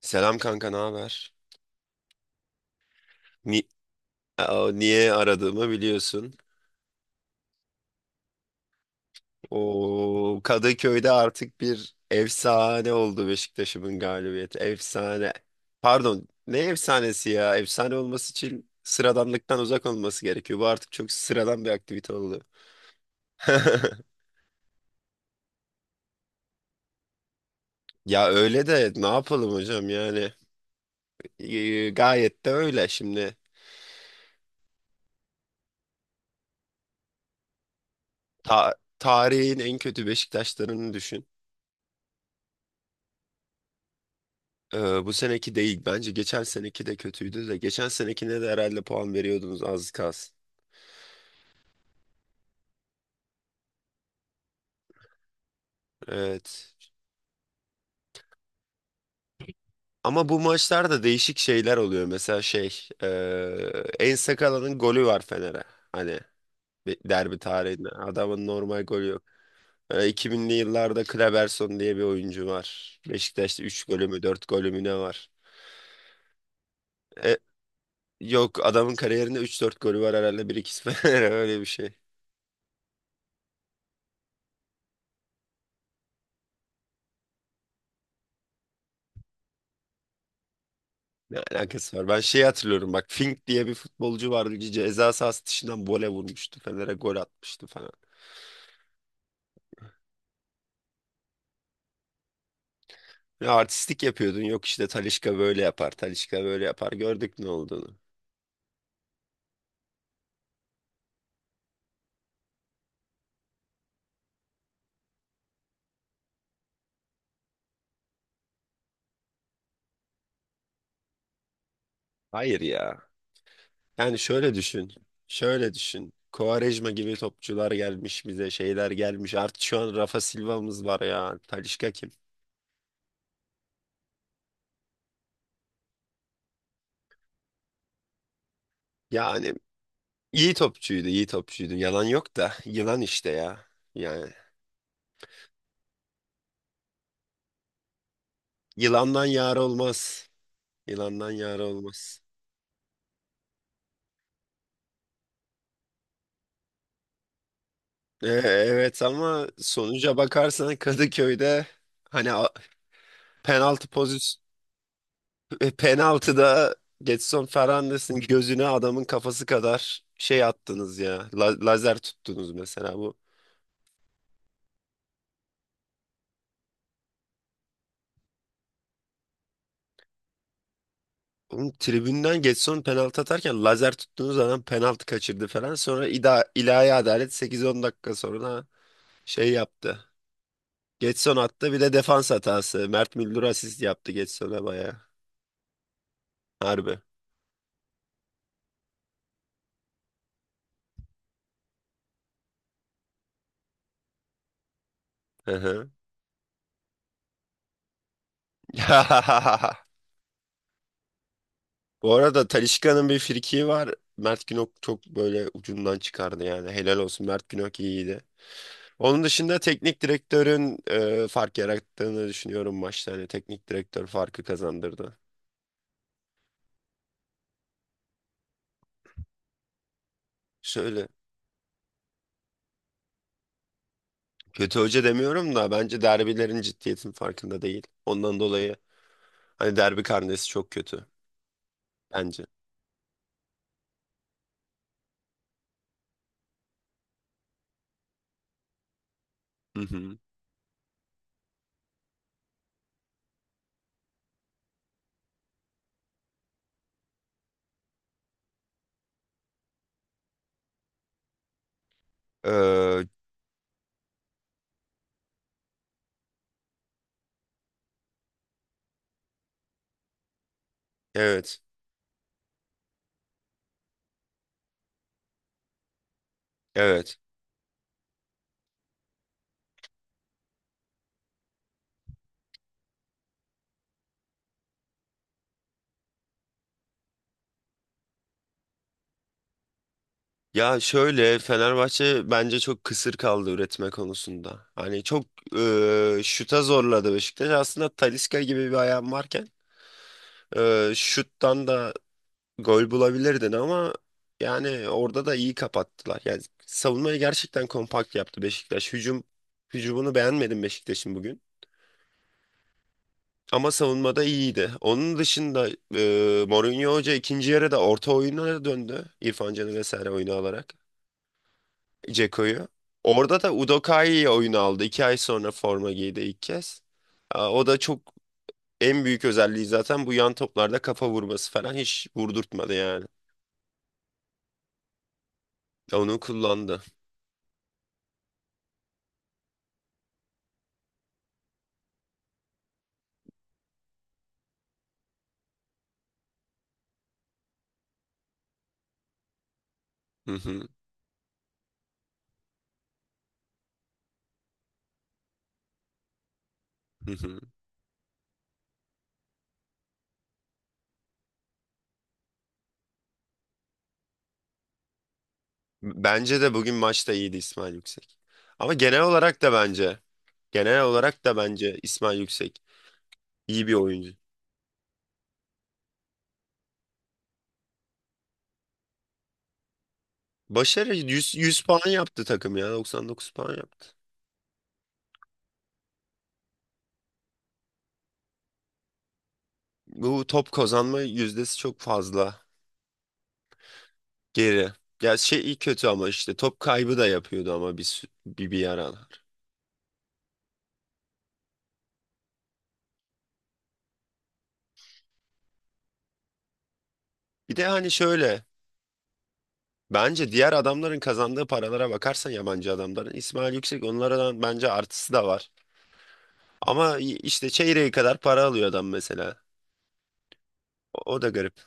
Selam kanka, ne haber? Ni- Niye aradığımı biliyorsun. O Kadıköy'de artık bir efsane oldu Beşiktaş'ımın galibiyeti. Efsane. Pardon, ne efsanesi ya? Efsane olması için sıradanlıktan uzak olması gerekiyor. Bu artık çok sıradan bir aktivite oldu. Ya öyle de ne yapalım hocam yani. Gayet de öyle şimdi. Tarihin en kötü Beşiktaşlarını düşün. Bu seneki değil. Bence geçen seneki de kötüydü de. Geçen senekine de herhalde puan veriyordunuz az kalsın. Evet. Ama bu maçlarda değişik şeyler oluyor. Mesela şey, eee En Sakala'nın golü var Fener'e. Hani bir derbi tarihinde. Adamın normal golü yok. 2000'li yıllarda Kleberson diye bir oyuncu var. Beşiktaş'ta 3 golü mü 4 golü mü ne var? E, Yok, adamın kariyerinde üç dört golü var herhalde. Bir 2 Fener'e, öyle bir şey. Ne alakası var? Ben şeyi hatırlıyorum bak, Fink diye bir futbolcu vardı. Ceza sahası dışından vole vurmuştu. Fener'e gol atmıştı falan. Ya artistlik yapıyordun. Yok işte Talisca böyle yapar. Talisca böyle yapar. Gördük ne olduğunu. Hayır ya. Yani şöyle düşün. Şöyle düşün. Quaresma gibi topçular gelmiş bize. Şeyler gelmiş. Artık şu an Rafa Silva'mız var ya. Talisca kim? Yani iyi topçuydu. İyi topçuydu. Yalan yok da. Yılan işte ya. Yani yılandan yar olmaz. Yılandan yar olmaz. Evet ama sonuca bakarsan Kadıköy'de, hani a- penaltı pozisyon, penaltıda Getson Fernandes'in gözüne adamın kafası kadar şey attınız ya. Lazer tuttunuz mesela bu. Oğlum tribünden Getson penaltı atarken lazer tuttunuz, adam penaltı kaçırdı falan. Sonra ida ilahi adalet 8-10 dakika sonra şey yaptı. Getson attı bir de defans hatası. Mert Müldür asist yaptı Getson'a bayağı. Harbi. Hı hı. Bu arada Talisca'nın bir frikiği var. Mert Günok çok böyle ucundan çıkardı yani. Helal olsun, Mert Günok iyiydi. Onun dışında teknik direktörün fark yarattığını düşünüyorum maçta. Hani teknik direktör farkı kazandırdı. Şöyle, kötü hoca demiyorum da bence derbilerin ciddiyetin farkında değil. Ondan dolayı hani derbi karnesi çok kötü bence. Hı hı. Ee, evet. Evet. Ya şöyle, Fenerbahçe bence çok kısır kaldı üretme konusunda. Hani çok şuta zorladı Beşiktaş. Aslında Talisca gibi bir ayağın varken şuttan da gol bulabilirdin ama yani orada da iyi kapattılar. Yani savunmayı gerçekten kompakt yaptı Beşiktaş. Hücumunu beğenmedim Beşiktaş'ın bugün. Ama savunmada iyiydi. Onun dışında Mourinho Hoca ikinci yarıda orta oyuna döndü. İrfan Can'ı vesaire oyunu alarak. Dzeko'yu. Orada da Udokai'yi oyun aldı. İki ay sonra forma giydi ilk kez. O da çok, en büyük özelliği zaten bu, yan toplarda kafa vurması falan hiç vurdurtmadı yani. Onu kullandı. Hı hı, hı hı. Bence de bugün maçta iyiydi İsmail Yüksek. Ama genel olarak da bence, İsmail Yüksek iyi bir oyuncu. Başarı 100, 100 puan yaptı takım ya, 99 puan yaptı. Bu top kazanma yüzdesi çok fazla. Geri. Ya şey iyi kötü ama işte top kaybı da yapıyordu ama bir aralar. Bir de hani şöyle, bence diğer adamların kazandığı paralara bakarsan yabancı adamların, İsmail Yüksek onlardan bence artısı da var. Ama işte çeyreği kadar para alıyor adam mesela. O da garip.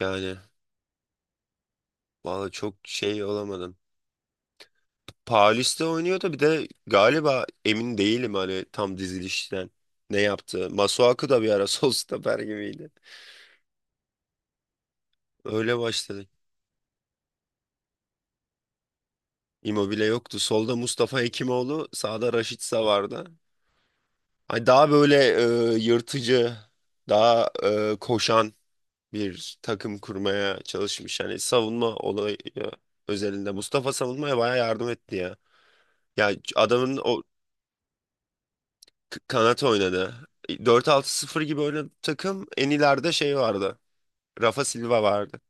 Yani valla çok şey olamadım. Paulista oynuyordu bir de galiba, emin değilim hani tam dizilişten ne yaptı. Masuaku da bir ara sol stoper gibiydi. Öyle başladı. Immobile yoktu. Solda Mustafa Hekimoğlu, sağda Raşitsa vardı. Hani daha böyle yırtıcı, daha koşan bir takım kurmaya çalışmış. Hani savunma olayı özelinde. Mustafa savunmaya bayağı yardım etti ya. Ya adamın o kanat oynadı. Dört altı sıfır gibi oynadı takım. En ileride şey vardı. Rafa Silva vardı.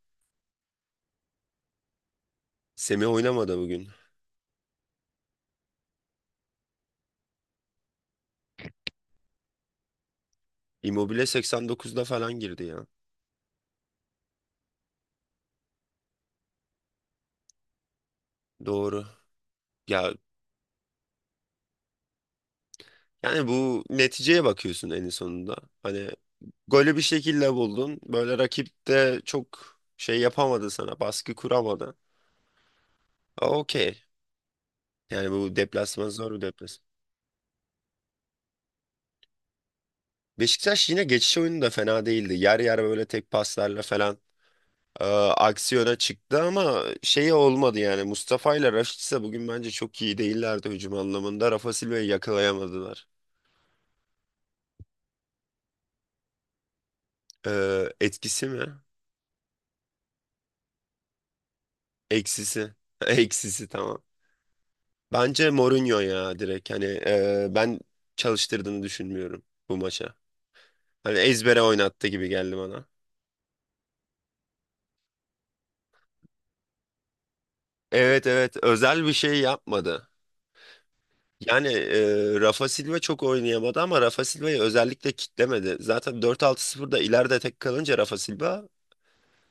Semih oynamadı bugün. Immobile 89'da falan girdi ya. Doğru. Ya Yani bu neticeye bakıyorsun en sonunda. Hani golü bir şekilde buldun. Böyle rakip de çok şey yapamadı sana. Baskı kuramadı. Okey. Yani bu deplasman zor bir deplasman. Beşiktaş yine geçiş oyunu da fena değildi. Yer yer böyle tek paslarla falan e, aksiyona çıktı ama şey olmadı yani. Mustafa ile Raşit ise bugün bence çok iyi değillerdi hücum anlamında. Rafa Silva'yı yakalayamadılar. Etkisi mi? Eksisi. Eksisi tamam. Bence Mourinho ya direkt, hani ben çalıştırdığını düşünmüyorum bu maça. Hani ezbere oynattı gibi geldi bana. Evet evet, özel bir şey yapmadı. Yani Rafa Silva çok oynayamadı ama Rafa Silva'yı özellikle kitlemedi. Zaten dört altı sıfırda ileride tek kalınca Rafa Silva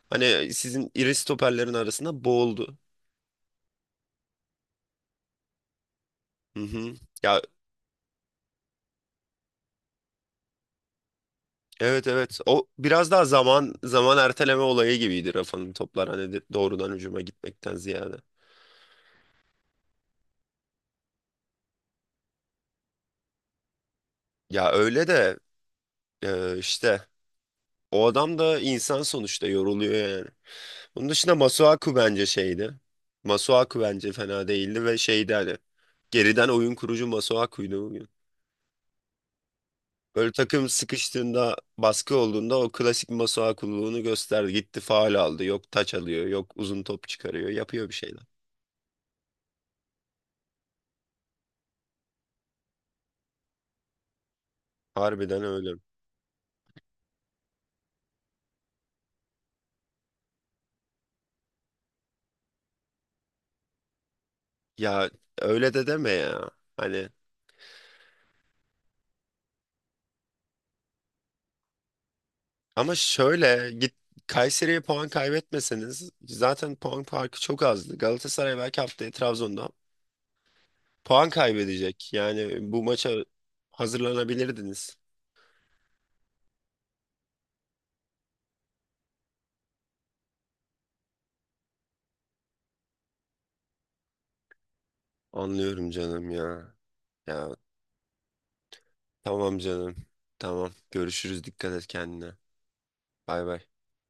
hani sizin iri stoperlerin arasında boğuldu. Hı hı. Ya evet evet, o biraz daha zaman zaman erteleme olayı gibiydi Rafa'nın toplar, doğrudan hücuma gitmekten ziyade. Ya öyle de işte o adam da insan sonuçta, yoruluyor yani. Bunun dışında Masuaku bence şeydi. Masuaku bence fena değildi ve şeydi, hani geriden oyun kurucu Masuaku'ydu bugün. Böyle takım sıkıştığında baskı olduğunda o klasik Masuaku'luğunu gösterdi. Gitti faul aldı. Yok taç alıyor. Yok uzun top çıkarıyor. Yapıyor bir şeyler. Harbiden öyle. Ya öyle de deme ya. Hani. Ama şöyle, git Kayseri'ye puan kaybetmeseniz zaten puan farkı çok azdı. Galatasaray belki haftaya Trabzon'da puan kaybedecek. Yani bu maça hazırlanabilirdiniz. Anlıyorum canım ya. Ya tamam canım. Tamam. Görüşürüz. Dikkat et kendine. Bay bay.